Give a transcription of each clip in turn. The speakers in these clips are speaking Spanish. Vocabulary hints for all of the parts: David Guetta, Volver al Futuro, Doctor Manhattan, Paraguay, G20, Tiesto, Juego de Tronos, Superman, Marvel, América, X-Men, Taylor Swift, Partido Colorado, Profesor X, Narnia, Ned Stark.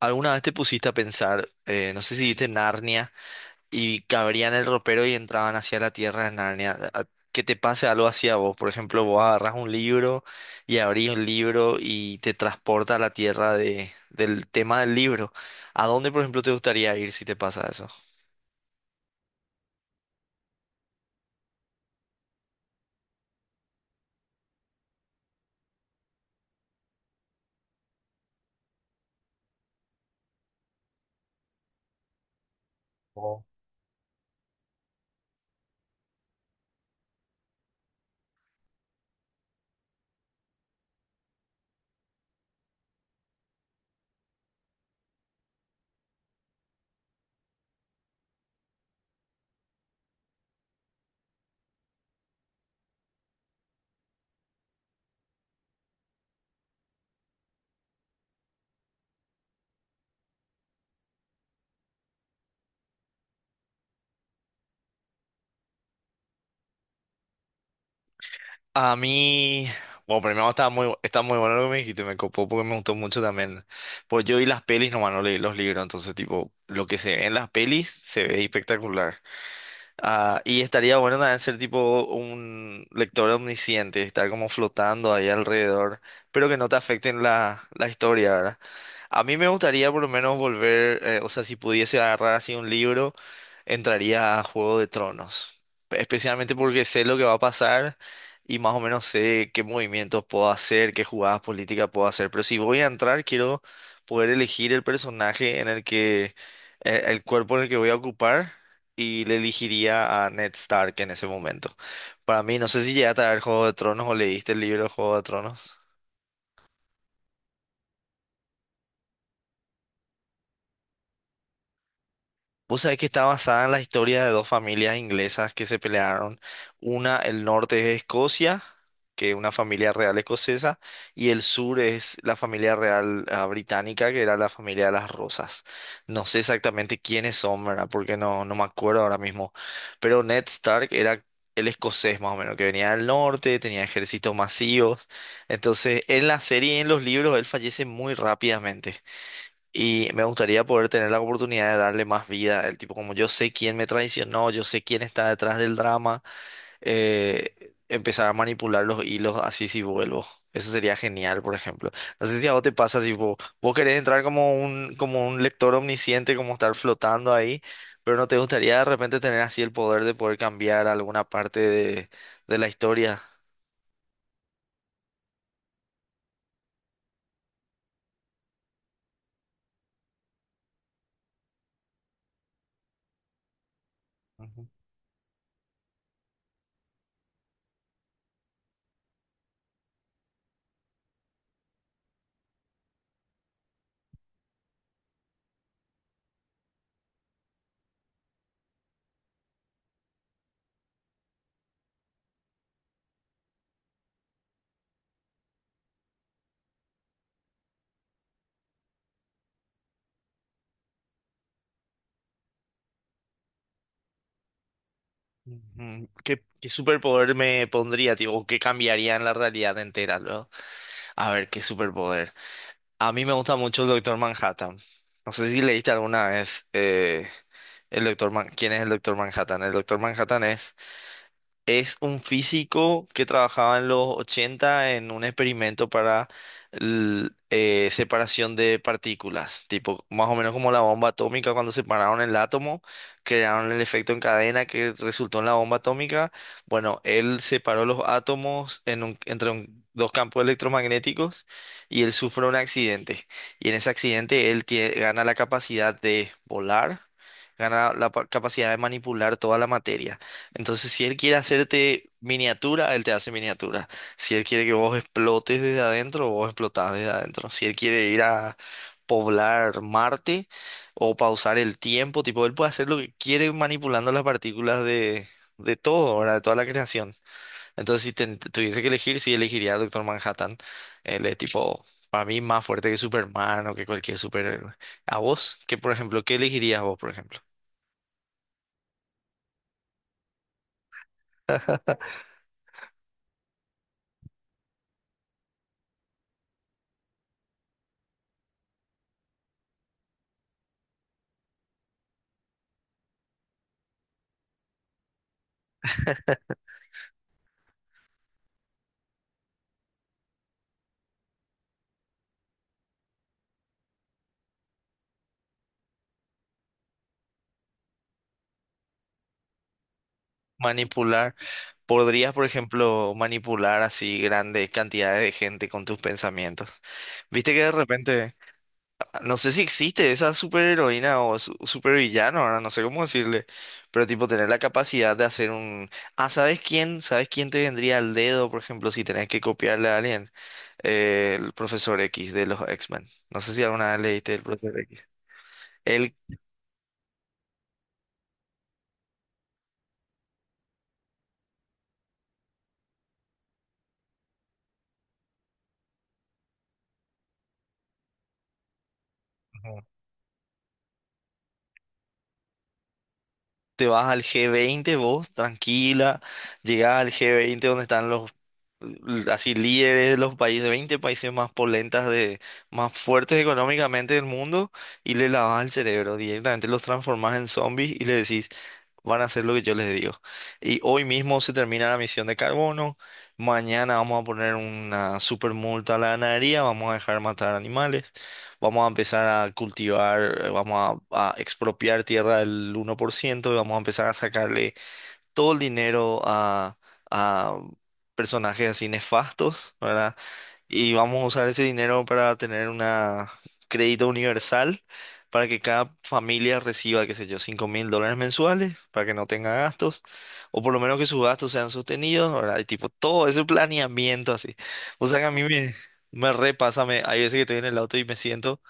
¿Alguna vez te pusiste a pensar, no sé si viste Narnia y cabrían el ropero y entraban hacia la tierra de Narnia? Que te pase algo así a vos, por ejemplo, vos agarras un libro y abrís un libro y te transporta a la tierra de, del tema del libro. ¿A dónde, por ejemplo, te gustaría ir si te pasa eso? Oh. A mí, bueno, primero está muy bueno lo que me dijiste, me copó porque me gustó mucho también. Pues yo vi las pelis, nomás no leí los libros, entonces tipo, lo que se ve en las pelis se ve espectacular. Ah, y estaría bueno también ser tipo un lector omnisciente, estar como flotando ahí alrededor, pero que no te afecten la, la historia, ¿verdad? A mí me gustaría por lo menos volver, o sea, si pudiese agarrar así un libro, entraría a Juego de Tronos, especialmente porque sé lo que va a pasar y más o menos sé qué movimientos puedo hacer, qué jugadas políticas puedo hacer, pero si voy a entrar, quiero poder elegir el personaje en el que, el cuerpo en el que voy a ocupar y le elegiría a Ned Stark en ese momento. Para mí, no sé si llegaste a ver Juego de Tronos o leíste el libro de Juego de Tronos. Vos sabés que está basada en la historia de dos familias inglesas que se pelearon. Una, el norte es Escocia, que es una familia real escocesa, y el sur es la familia real ah, británica, que era la familia de las Rosas. No sé exactamente quiénes son, ¿verdad? Porque no, no me acuerdo ahora mismo. Pero Ned Stark era el escocés más o menos, que venía del norte, tenía ejércitos masivos. Entonces, en la serie y en los libros, él fallece muy rápidamente. Y me gustaría poder tener la oportunidad de darle más vida. El tipo, como yo sé quién me traicionó, yo sé quién está detrás del drama, empezar a manipular los hilos así si vuelvo. Eso sería genial, por ejemplo. No sé si a vos te pasa, si vos, vos querés entrar como un lector omnisciente, como estar flotando ahí, pero no te gustaría de repente tener así el poder de poder cambiar alguna parte de la historia. Ujú, ujú. ¿Qué superpoder me pondría, tipo, qué cambiaría en la realidad entera? A ver, qué superpoder. A mí me gusta mucho el Doctor Manhattan. No sé si leíste alguna vez el ¿Quién es el Doctor Manhattan? El Doctor Manhattan es un físico que trabajaba en los 80 en un experimento para separación de partículas, tipo más o menos como la bomba atómica cuando separaron el átomo, crearon el efecto en cadena que resultó en la bomba atómica. Bueno, él separó los átomos en dos campos electromagnéticos y él sufre un accidente. Y en ese accidente él gana la capacidad de volar, gana la capacidad de manipular toda la materia. Entonces, si él quiere hacerte miniatura, él te hace miniatura. Si él quiere que vos explotes desde adentro, vos explotás desde adentro. Si él quiere ir a poblar Marte o pausar el tiempo, tipo, él puede hacer lo que quiere manipulando las partículas de todo, ¿verdad? De toda la creación. Entonces, si tuviese que elegir, sí elegiría a Doctor Manhattan. Él es tipo, para mí, más fuerte que Superman o que cualquier superhéroe. ¿A vos? ¿Qué, por ejemplo, qué elegirías vos, por ejemplo? Manipular. Podrías, por ejemplo, manipular así grandes cantidades de gente con tus pensamientos. Viste que de repente, no sé si existe esa superheroína o supervillano, ahora no sé cómo decirle, pero tipo tener la capacidad de hacer un... Ah, ¿sabes quién? ¿Sabes quién te vendría al dedo, por ejemplo, si tenés que copiarle a alguien? El profesor X de los X-Men. No sé si alguna vez leíste el profesor X. Él... te vas al G20 vos, tranquila, llegás al G20 donde están los así líderes de los países, 20 países más polentas de, más fuertes económicamente del mundo, y le lavas el cerebro, directamente los transformas en zombies y le decís, van a hacer lo que yo les digo. Y hoy mismo se termina la misión de carbono, mañana vamos a poner una super multa a la ganadería, vamos a dejar matar animales, vamos a empezar a cultivar, vamos a expropiar tierra del 1% y vamos a empezar a sacarle todo el dinero a personajes así nefastos, ¿verdad? Y vamos a usar ese dinero para tener una crédito universal para que cada familia reciba, qué sé yo, $5.000 mensuales para que no tenga gastos, o por lo menos que sus gastos sean sostenidos, ¿verdad? Y tipo, todo ese planeamiento así. O sea que a mí me... Me repasa, me, hay veces que estoy en el auto y me siento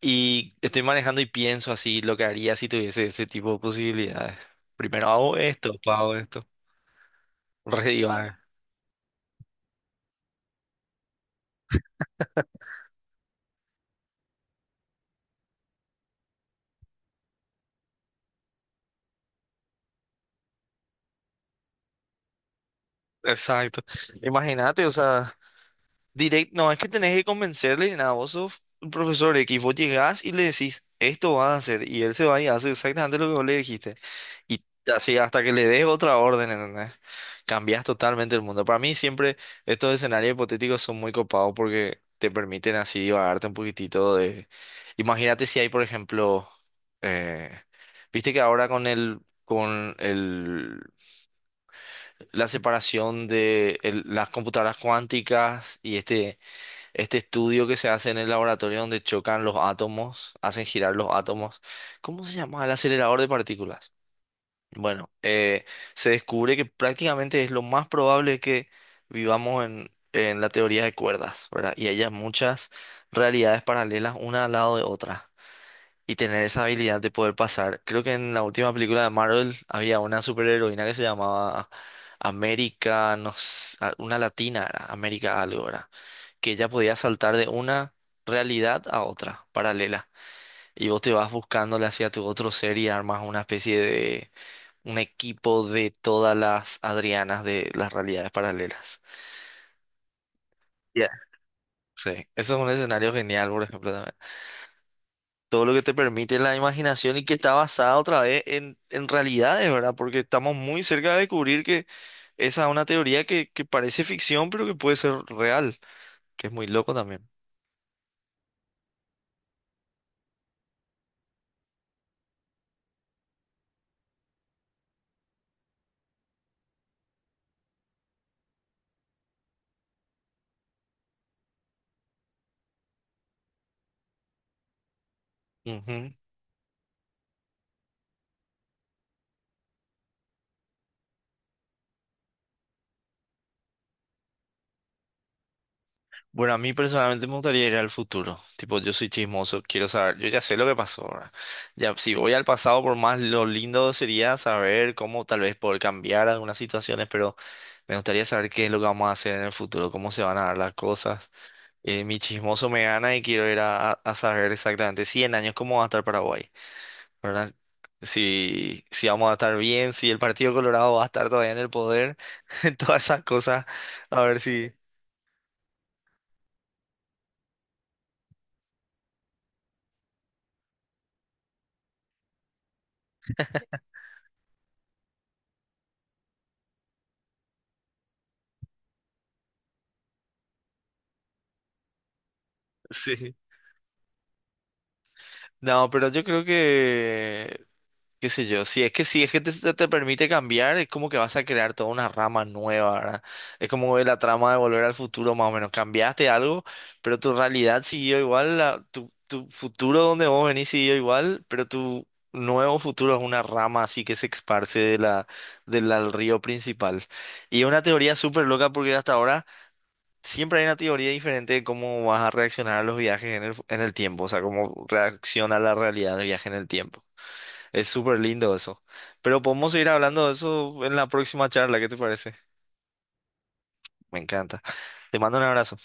y estoy manejando y pienso así lo que haría si tuviese ese tipo de posibilidades. Primero hago esto, después hago esto. Re divaga. Exacto. Imagínate, o sea, directo, no, es que tenés que convencerle, nada, vos sos un profesor X, vos llegás y le decís, esto vas a hacer, y él se va y hace exactamente lo que vos le dijiste. Y así hasta que le des otra orden, ¿entendés? Cambias totalmente el mundo. Para mí siempre estos escenarios hipotéticos son muy copados porque te permiten así divagarte un poquitito de... Imagínate si hay, por ejemplo, eh, viste que ahora con el la separación de las computadoras cuánticas y este estudio que se hace en el laboratorio donde chocan los átomos, hacen girar los átomos. ¿Cómo se llama? El acelerador de partículas. Bueno, se descubre que prácticamente es lo más probable que vivamos en la teoría de cuerdas, ¿verdad? Y haya muchas realidades paralelas una al lado de otra. Y tener esa habilidad de poder pasar. Creo que en la última película de Marvel había una superheroína que se llamaba América, no sé, una latina era, América algo era, que ella podía saltar de una realidad a otra, paralela. Y vos te vas buscándole hacia tu otro ser y armas una especie de un equipo de todas las Adrianas de las realidades paralelas. Ya. Sí, eso es un escenario genial, por ejemplo, también. Todo lo que te permite la imaginación y que está basada otra vez en realidades, ¿verdad? Porque estamos muy cerca de descubrir que esa es una teoría que parece ficción, pero que puede ser real, que es muy loco también. Ujú. Bueno, a mí personalmente me gustaría ir al futuro. Tipo, yo soy chismoso, quiero saber. Yo ya sé lo que pasó, ¿verdad? Ya, si voy al pasado, por más lo lindo sería saber cómo tal vez poder cambiar algunas situaciones, pero me gustaría saber qué es lo que vamos a hacer en el futuro, cómo se van a dar las cosas. Mi chismoso me gana y quiero ir a, a saber exactamente 100 años cómo va a estar Paraguay, ¿verdad? Si, si vamos a estar bien, si el Partido Colorado va a estar todavía en el poder, todas esas cosas, a ver si... Sí. No, pero yo creo que, qué sé yo, si es que si es que te permite cambiar, es como que vas a crear toda una rama nueva, ¿verdad? Es como la trama de Volver al Futuro, más o menos. Cambiaste algo, pero tu realidad siguió igual, la- tu futuro donde vos venís siguió igual, pero tu nuevo futuro es una rama así que se esparce de la, del al río principal. Y es una teoría súper loca porque hasta ahora... Siempre hay una teoría diferente de cómo vas a reaccionar a los viajes en el, en el tiempo, o sea, cómo reacciona la realidad del viaje en el tiempo. Es súper lindo eso. Pero podemos seguir hablando de eso en la próxima charla, ¿qué te parece? Me encanta. Te mando un abrazo.